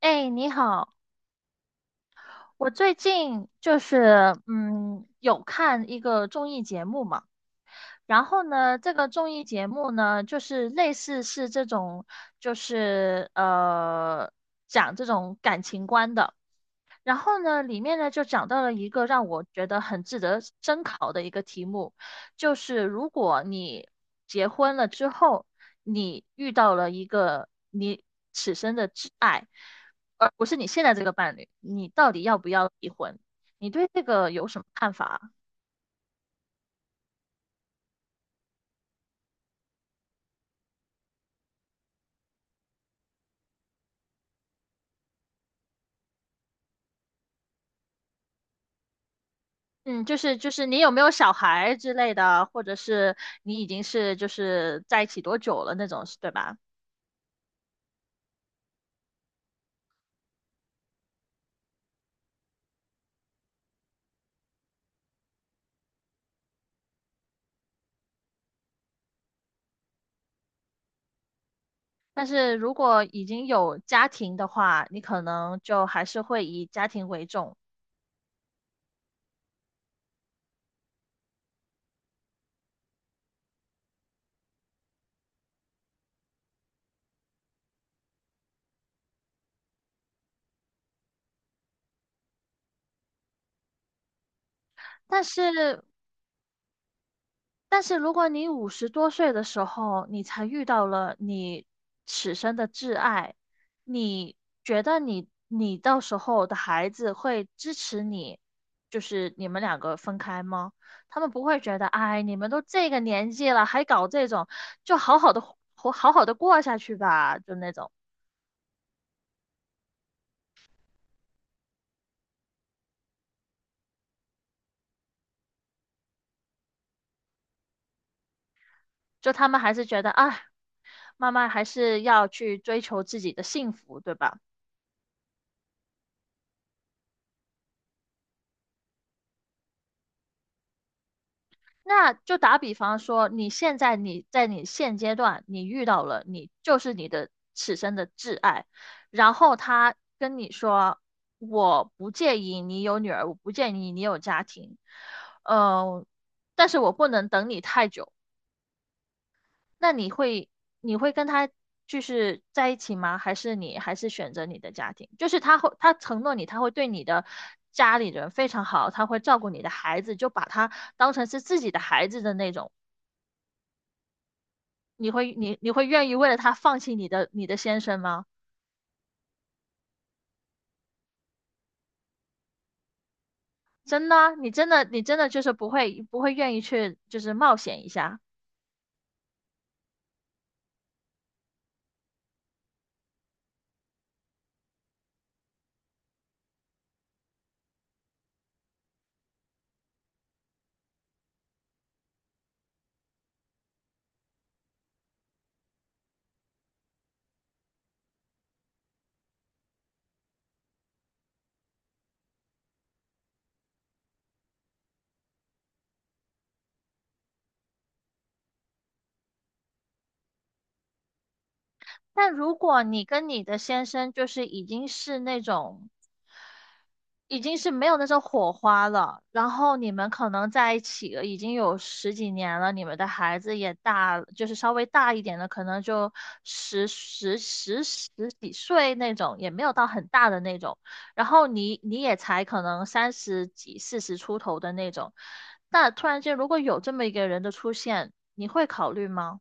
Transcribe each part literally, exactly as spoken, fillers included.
哎，你好，我最近就是嗯有看一个综艺节目嘛，然后呢，这个综艺节目呢，就是类似是这种，就是呃讲这种感情观的。然后呢，里面呢就讲到了一个让我觉得很值得深考的一个题目，就是如果你结婚了之后，你遇到了一个你此生的挚爱，而不是你现在这个伴侣，你到底要不要离婚？你对这个有什么看法啊。嗯，就是就是你有没有小孩之类的，或者是你已经是就是在一起多久了那种，对吧？但是如果已经有家庭的话，你可能就还是会以家庭为重。但是，但是如果你五十多岁的时候，你才遇到了你此生的挚爱，你觉得你你到时候的孩子会支持你，就是你们两个分开吗？他们不会觉得，哎，你们都这个年纪了，还搞这种，就好好的活，好好的过下去吧，就那种。就他们还是觉得啊，慢慢还是要去追求自己的幸福，对吧？那就打比方说，你现在你在你现阶段你遇到了你就是你的此生的挚爱，然后他跟你说我不介意你有女儿，我不介意你有家庭，嗯、呃但是我不能等你太久。那你会你会跟他就是在一起吗？还是你还是选择你的家庭？就是他会他承诺你，他会对你的家里人非常好，他会照顾你的孩子，就把他当成是自己的孩子的那种。你会你你会愿意为了他放弃你的你的先生吗？真的啊你真的你真的就是不会不会愿意去就是冒险一下。但如果你跟你的先生就是已经是那种。已经是没有那种火花了，然后你们可能在一起了已经有十几年了，你们的孩子也大了就是稍微大一点的，可能就十十十十几岁那种，也没有到很大的那种，然后你你也才可能三十几、四十出头的那种，那突然间如果有这么一个人的出现，你会考虑吗？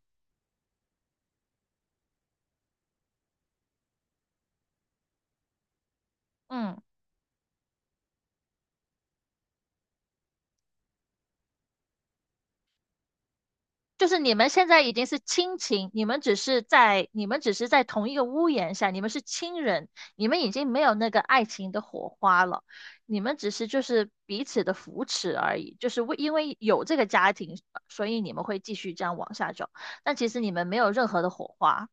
嗯。就是你们现在已经是亲情，你们只是在你们只是在同一个屋檐下，你们是亲人，你们已经没有那个爱情的火花了，你们只是就是彼此的扶持而已，就是为因为有这个家庭，所以你们会继续这样往下走，但其实你们没有任何的火花。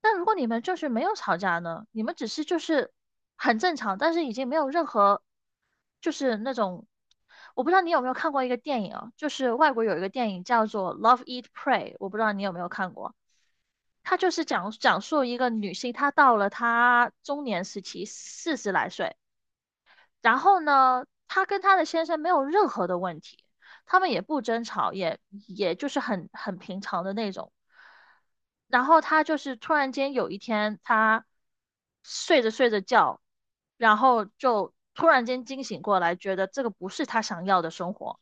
但如果你们就是没有吵架呢？你们只是就是很正常，但是已经没有任何就是那种，我不知道你有没有看过一个电影啊，就是外国有一个电影叫做《Love Eat Pray》，我不知道你有没有看过。它就是讲讲述一个女性，她到了她中年时期，四十来岁，然后呢，她跟她的先生没有任何的问题，他们也不争吵，也也就是很很平常的那种。然后她就是突然间有一天，她睡着睡着觉，然后就突然间惊醒过来，觉得这个不是她想要的生活。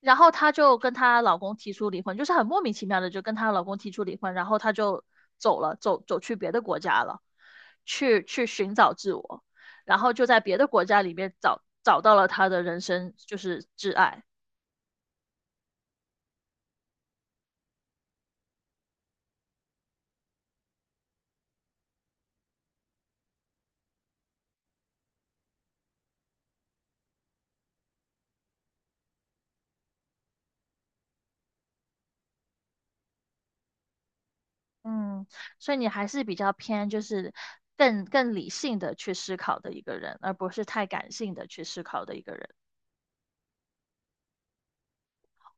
然后她就跟她老公提出离婚，就是很莫名其妙的就跟她老公提出离婚，然后她就走了，走走去别的国家了，去去寻找自我，然后就在别的国家里面找找到了她的人生就是挚爱。嗯，所以你还是比较偏就是更更理性的去思考的一个人，而不是太感性的去思考的一个人。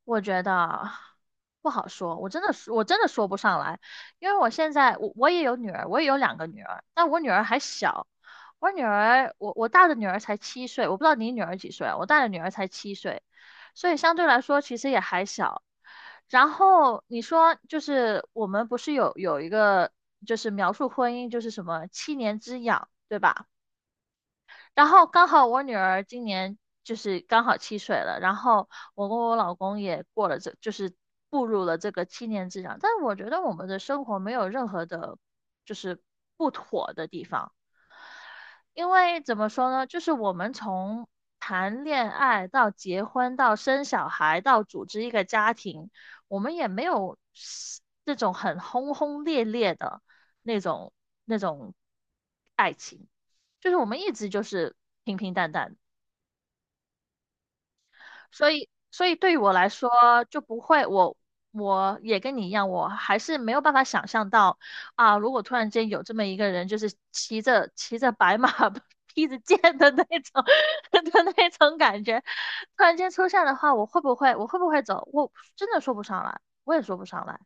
我觉得不好说，我真的说，我真的说不上来，因为我现在我我也有女儿，我也有两个女儿，但我女儿还小，我女儿我我大的女儿才七岁，我不知道你女儿几岁啊，我大的女儿才七岁，所以相对来说其实也还小。然后你说就是我们不是有有一个就是描述婚姻就是什么七年之痒，对吧？然后刚好我女儿今年就是刚好七岁了，然后我跟我老公也过了这，就是步入了这个七年之痒。但是我觉得我们的生活没有任何的，就是不妥的地方。因为怎么说呢，就是我们从谈恋爱到结婚到生小孩到组织一个家庭，我们也没有那种很轰轰烈烈的那种那种爱情，就是我们一直就是平平淡淡的。所以，所以对于我来说就不会，我我也跟你一样，我还是没有办法想象到啊，如果突然间有这么一个人，就是骑着骑着白马 披着剑的那种 的那种感觉，突然间出现的话，我会不会我会不会走？我真的说不上来，我也说不上来。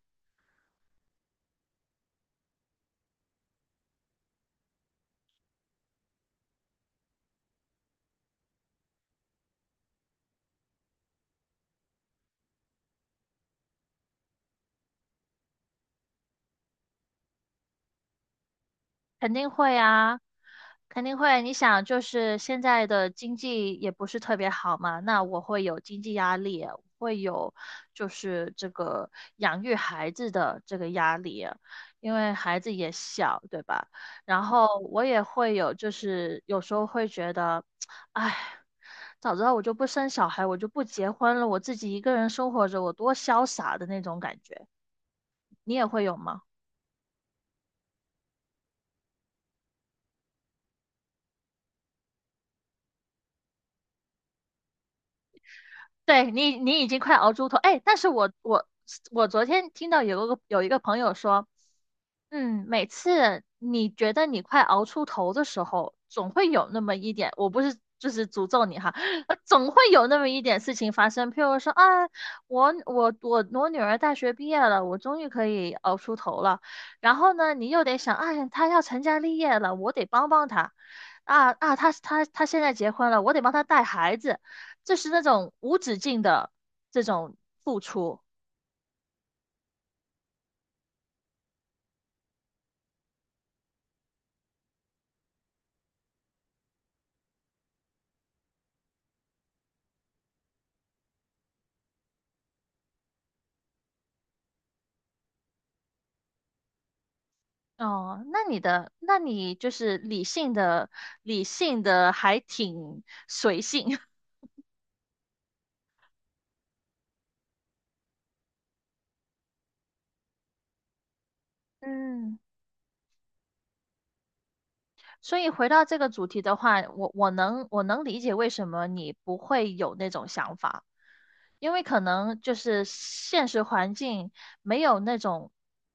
肯定会啊，肯定会。你想，就是现在的经济也不是特别好嘛，那我会有经济压力，会有就是这个养育孩子的这个压力，因为孩子也小，对吧？然后我也会有，就是有时候会觉得，哎，早知道我就不生小孩，我就不结婚了，我自己一个人生活着，我多潇洒的那种感觉。你也会有吗？对你，你已经快熬猪头。哎，但是我我我昨天听到有个有一个朋友说，嗯，每次你觉得你快熬出头的时候，总会有那么一点，我不是就是诅咒你哈，呃总会有那么一点事情发生。譬如说啊，我我我我女儿大学毕业了，我终于可以熬出头了。然后呢，你又得想，哎呀她要成家立业了，我得帮帮她。啊啊，她她她现在结婚了，我得帮她带孩子。这是那种无止境的这种付出。哦，那你的，那你就是理性的，理性的还挺随性。嗯，所以回到这个主题的话，我我能我能理解为什么你不会有那种想法，因为可能就是现实环境没有那种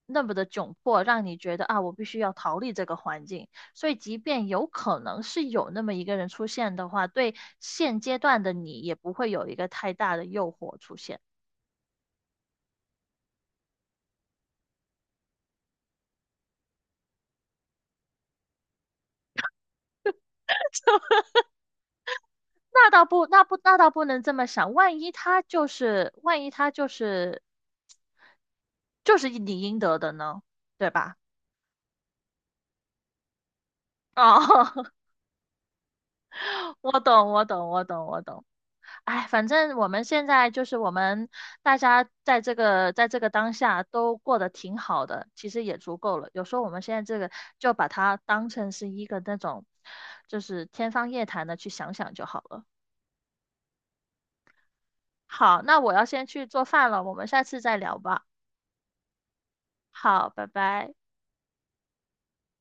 那么的窘迫，让你觉得啊，我必须要逃离这个环境。所以，即便有可能是有那么一个人出现的话，对现阶段的你也不会有一个太大的诱惑出现。那倒不，那不，那倒不能这么想。万一他就是，万一他就是，就是你应得的呢，对吧？哦，我懂，我懂，我懂，我懂。哎，反正我们现在就是我们大家在这个在这个当下都过得挺好的，其实也足够了。有时候我们现在这个就把它当成是一个那种，就是天方夜谭的去想想就好了。好，那我要先去做饭了，我们下次再聊吧。好，拜拜。